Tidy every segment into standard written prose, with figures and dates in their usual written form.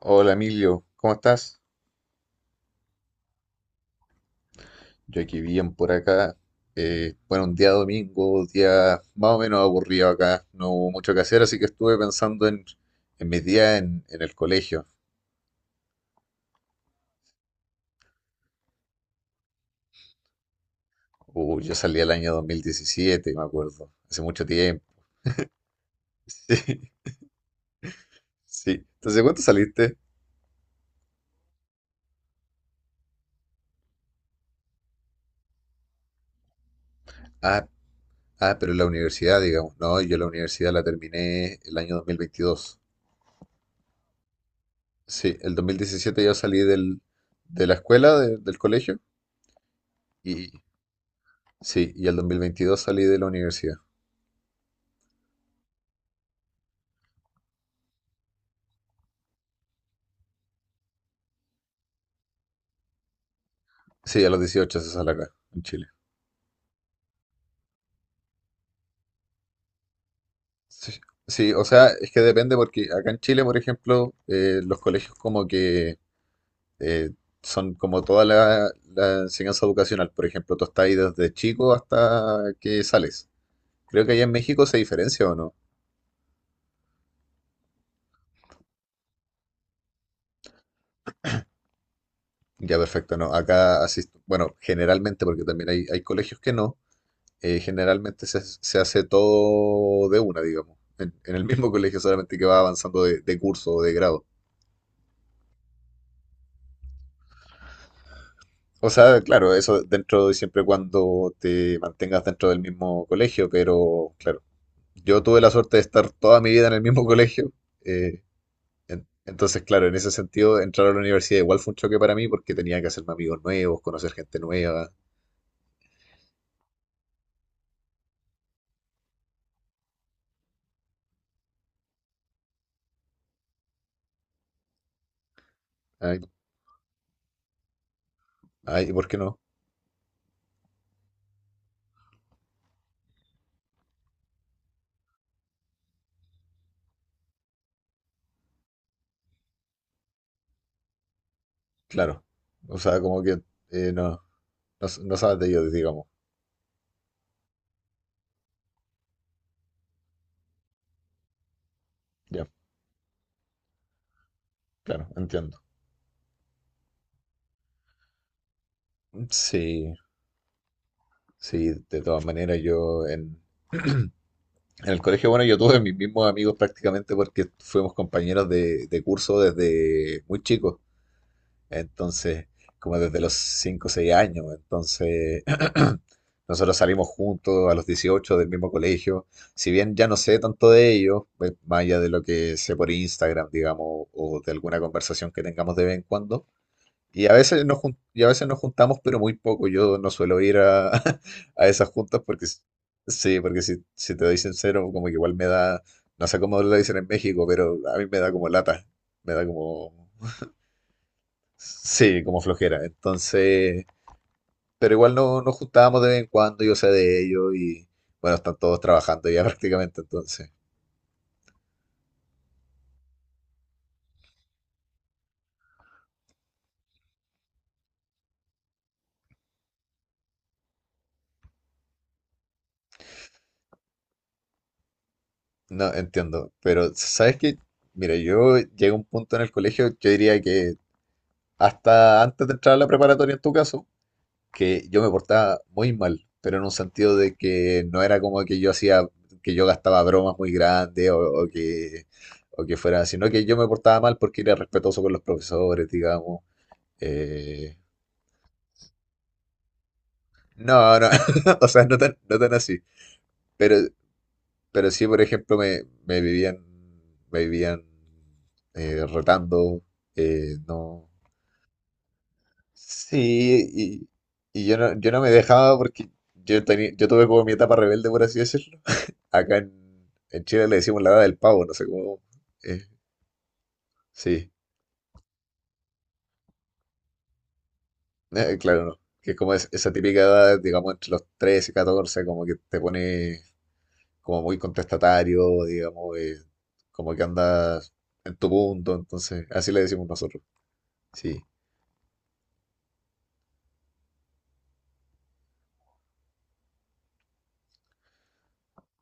Hola Emilio, ¿cómo estás? Yo aquí bien por acá. Bueno, un día domingo, día más o menos aburrido acá. No hubo mucho que hacer, así que estuve pensando en mis días en el colegio. Yo salí el año 2017, me acuerdo. Hace mucho tiempo. Sí, sí. Entonces, ¿cuánto saliste? Ah, ah, pero en la universidad, digamos. No, yo la universidad la terminé el año 2022. Sí, el 2017 yo salí de la escuela, del colegio. Y, sí, y el 2022 salí de la universidad. Sí, a los 18 se sale acá, en Chile. Sí, sí, o sea, es que depende porque acá en Chile, por ejemplo, los colegios como que eh, son como toda la enseñanza educacional. Por ejemplo, tú estás ahí desde chico hasta que sales. Creo que allá en México se diferencia o no. Ya, perfecto, no. Acá asisto, bueno, generalmente porque también hay colegios que no, generalmente se hace todo de una, digamos, en el mismo colegio, solamente que va avanzando de curso o de grado. O sea, claro, eso dentro de siempre y cuando te mantengas dentro del mismo colegio, pero claro, yo tuve la suerte de estar toda mi vida en el mismo colegio. eh, entonces, claro, en ese sentido, entrar a la universidad igual fue un choque para mí porque tenía que hacerme amigos nuevos, conocer gente nueva. Ay, ay, ¿por qué no? Claro. O sea, como que eh, no, no, no sabes de ellos, digamos. Ya, claro, entiendo. Sí, sí, de todas maneras yo en el colegio, bueno, yo tuve mis mismos amigos prácticamente porque fuimos compañeros de curso desde muy chicos, entonces, como desde los 5 o 6 años, entonces nosotros salimos juntos a los 18 del mismo colegio, si bien ya no sé tanto de ellos, pues, más allá de lo que sé por Instagram, digamos, o de alguna conversación que tengamos de vez en cuando. Y a veces nos juntamos, pero muy poco. Yo no suelo ir a, a esas juntas porque, sí, porque si te doy sincero, como que igual me da, no sé cómo lo dicen en México, pero a mí me da como lata, me da como, sí, como flojera. Entonces, pero igual no, nos juntábamos de vez en cuando, yo sé de ellos y bueno, están todos trabajando ya prácticamente, entonces, no entiendo. Pero, ¿sabes qué? Mira, yo llegué a un punto en el colegio, yo diría que hasta antes de entrar a la preparatoria en tu caso que yo me portaba muy mal, pero en un sentido de que no era como que yo hacía, que yo gastaba bromas muy grandes o que fuera, sino que yo me portaba mal porque era respetuoso con los profesores, digamos. Eh, no, no, o sea, no tan así. Pero, pero sí, por ejemplo, me vivían retando, no. Sí, y yo no, yo no me dejaba porque yo tenía, yo tuve como mi etapa rebelde, por así decirlo. Acá en, en Chile le decimos la edad del pavo, no sé cómo. eh, sí, claro, no. Que es como esa típica edad, digamos, entre los 13 y 14, como que te pone como muy contestatario, digamos, como que andas en tu punto, entonces, así le decimos nosotros. Sí,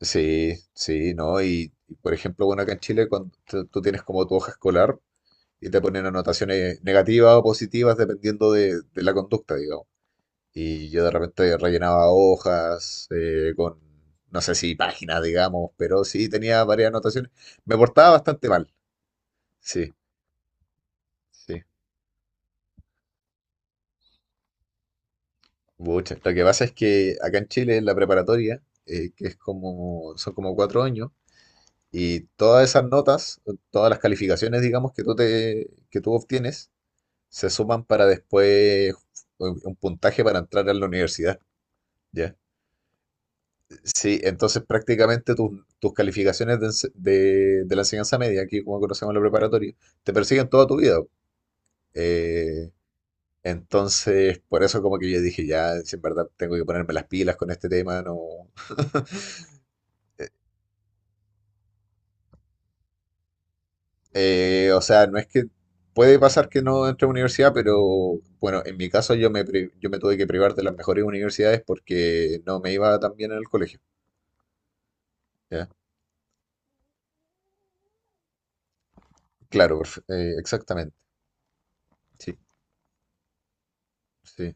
sí, sí, ¿no? Y, por ejemplo, bueno, acá en Chile, cuando tú tienes como tu hoja escolar y te ponen anotaciones negativas o positivas dependiendo de la conducta, digamos. Y yo de repente rellenaba hojas no sé si páginas, digamos, pero sí tenía varias anotaciones. Me portaba bastante mal, sí, sí. Muchas. Lo que pasa es que acá en Chile, en la preparatoria, que es como, son como 4 años, y todas esas notas, todas las calificaciones, digamos, que tú obtienes, se suman para después un puntaje para entrar a la universidad, ¿ya? Sí, entonces prácticamente tus, tus calificaciones de, de la enseñanza media, aquí como conocemos la preparatoria, te persiguen toda tu vida. Eh, entonces, por eso como que yo dije, ya, si en verdad tengo que ponerme las pilas con este tema, no... O sea, no es que puede pasar que no entre a universidad, pero bueno, en mi caso yo me tuve que privar de las mejores universidades porque no me iba tan bien en el colegio. ¿Ya? Claro, exactamente. Sí, sí,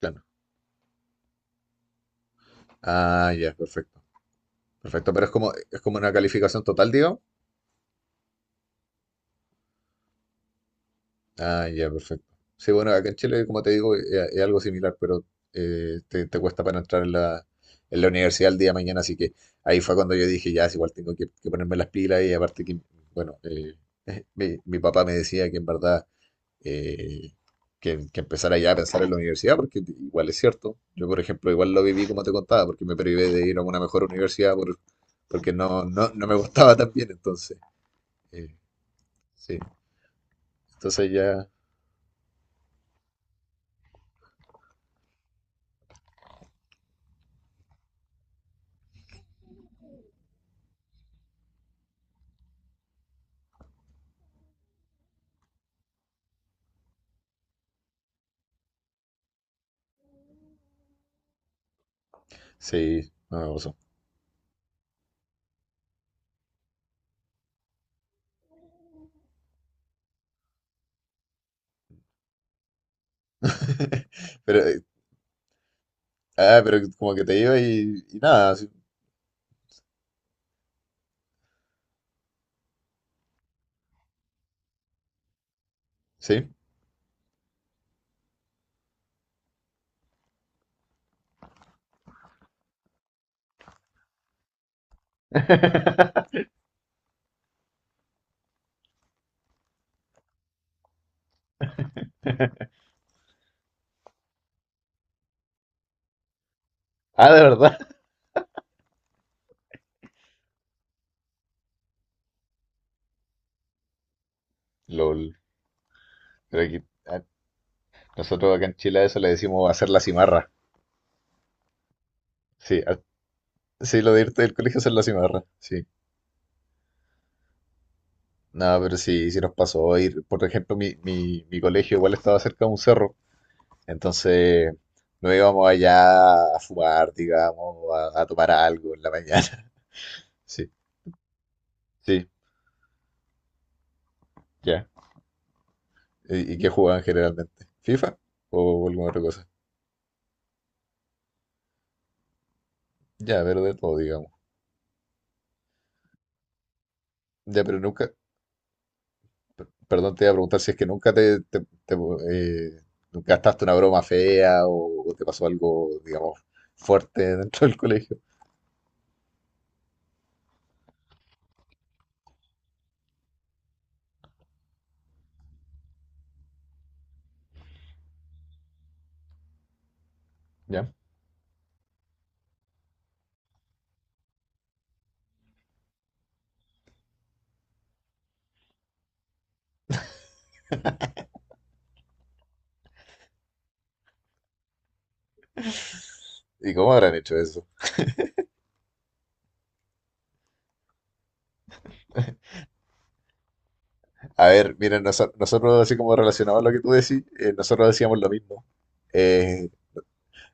claro. Ah, ya, perfecto. Perfecto, pero es como una calificación total, digamos. Ah, ya, perfecto. Sí, bueno, acá en Chile, como te digo, es algo similar, pero te cuesta para entrar en la universidad el día de mañana, así que ahí fue cuando yo dije, ya, es igual tengo que ponerme las pilas y aparte que, bueno, mi papá me decía que en verdad eh, que empezara ya a pensar en la universidad, porque igual es cierto. Yo, por ejemplo, igual lo viví como te contaba, porque me privé de ir a una mejor universidad porque no, no, no me gustaba tan bien, entonces, eh, sí. Entonces ya, sí, no me pasó. Pero, pero como que te iba y nada, sí, sí, ah, de verdad. LOL. Pero aquí, ah, nosotros acá en Chile a eso le decimos hacer la cimarra. Sí, ah, sí, lo de irte del colegio a hacer la cimarra, sí. No, pero sí, sí nos pasó ir, por ejemplo, mi colegio igual estaba cerca de un cerro, entonces nos íbamos allá a fumar, digamos, a tomar algo en la mañana. Sí, sí, ya. Y qué jugaban generalmente? ¿FIFA o alguna otra cosa? Ya, pero de todo, digamos. Ya, pero nunca, perdón, te iba a preguntar si es que nunca eh, gastaste una broma fea o te pasó algo, digamos, fuerte dentro del colegio. ¿Ya? ¿Y cómo habrán hecho eso? A ver, miren, nosotros, así como relacionado a lo que tú decís, nosotros decíamos lo mismo. Eh,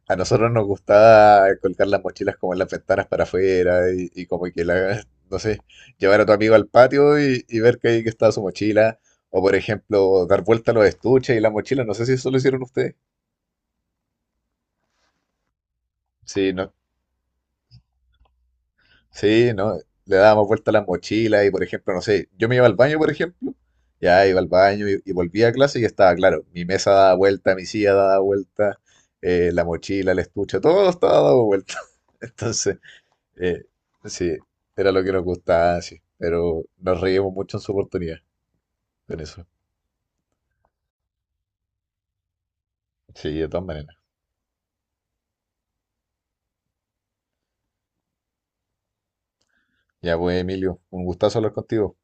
A nosotros nos gustaba colgar las mochilas como en las ventanas para afuera y como que la, no sé, llevar a tu amigo al patio y ver que ahí que estaba su mochila. O por ejemplo, dar vuelta a los estuches y las mochilas. No sé si eso lo hicieron ustedes. Sí, no. Sí, no. Le dábamos vuelta a las mochilas y por ejemplo, no sé, yo me iba al baño, por ejemplo. Ya iba al baño y volvía a clase y estaba claro. Mi mesa daba vuelta, mi silla daba vuelta, la mochila, el estuche, todo estaba dado vuelta. Entonces... Eh, sí, era lo que nos gustaba, sí. Pero nos reímos mucho en su oportunidad con eso. Sí, de todas maneras. Ya pues, Emilio, un gustazo hablar contigo.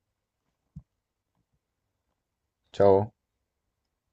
Chao.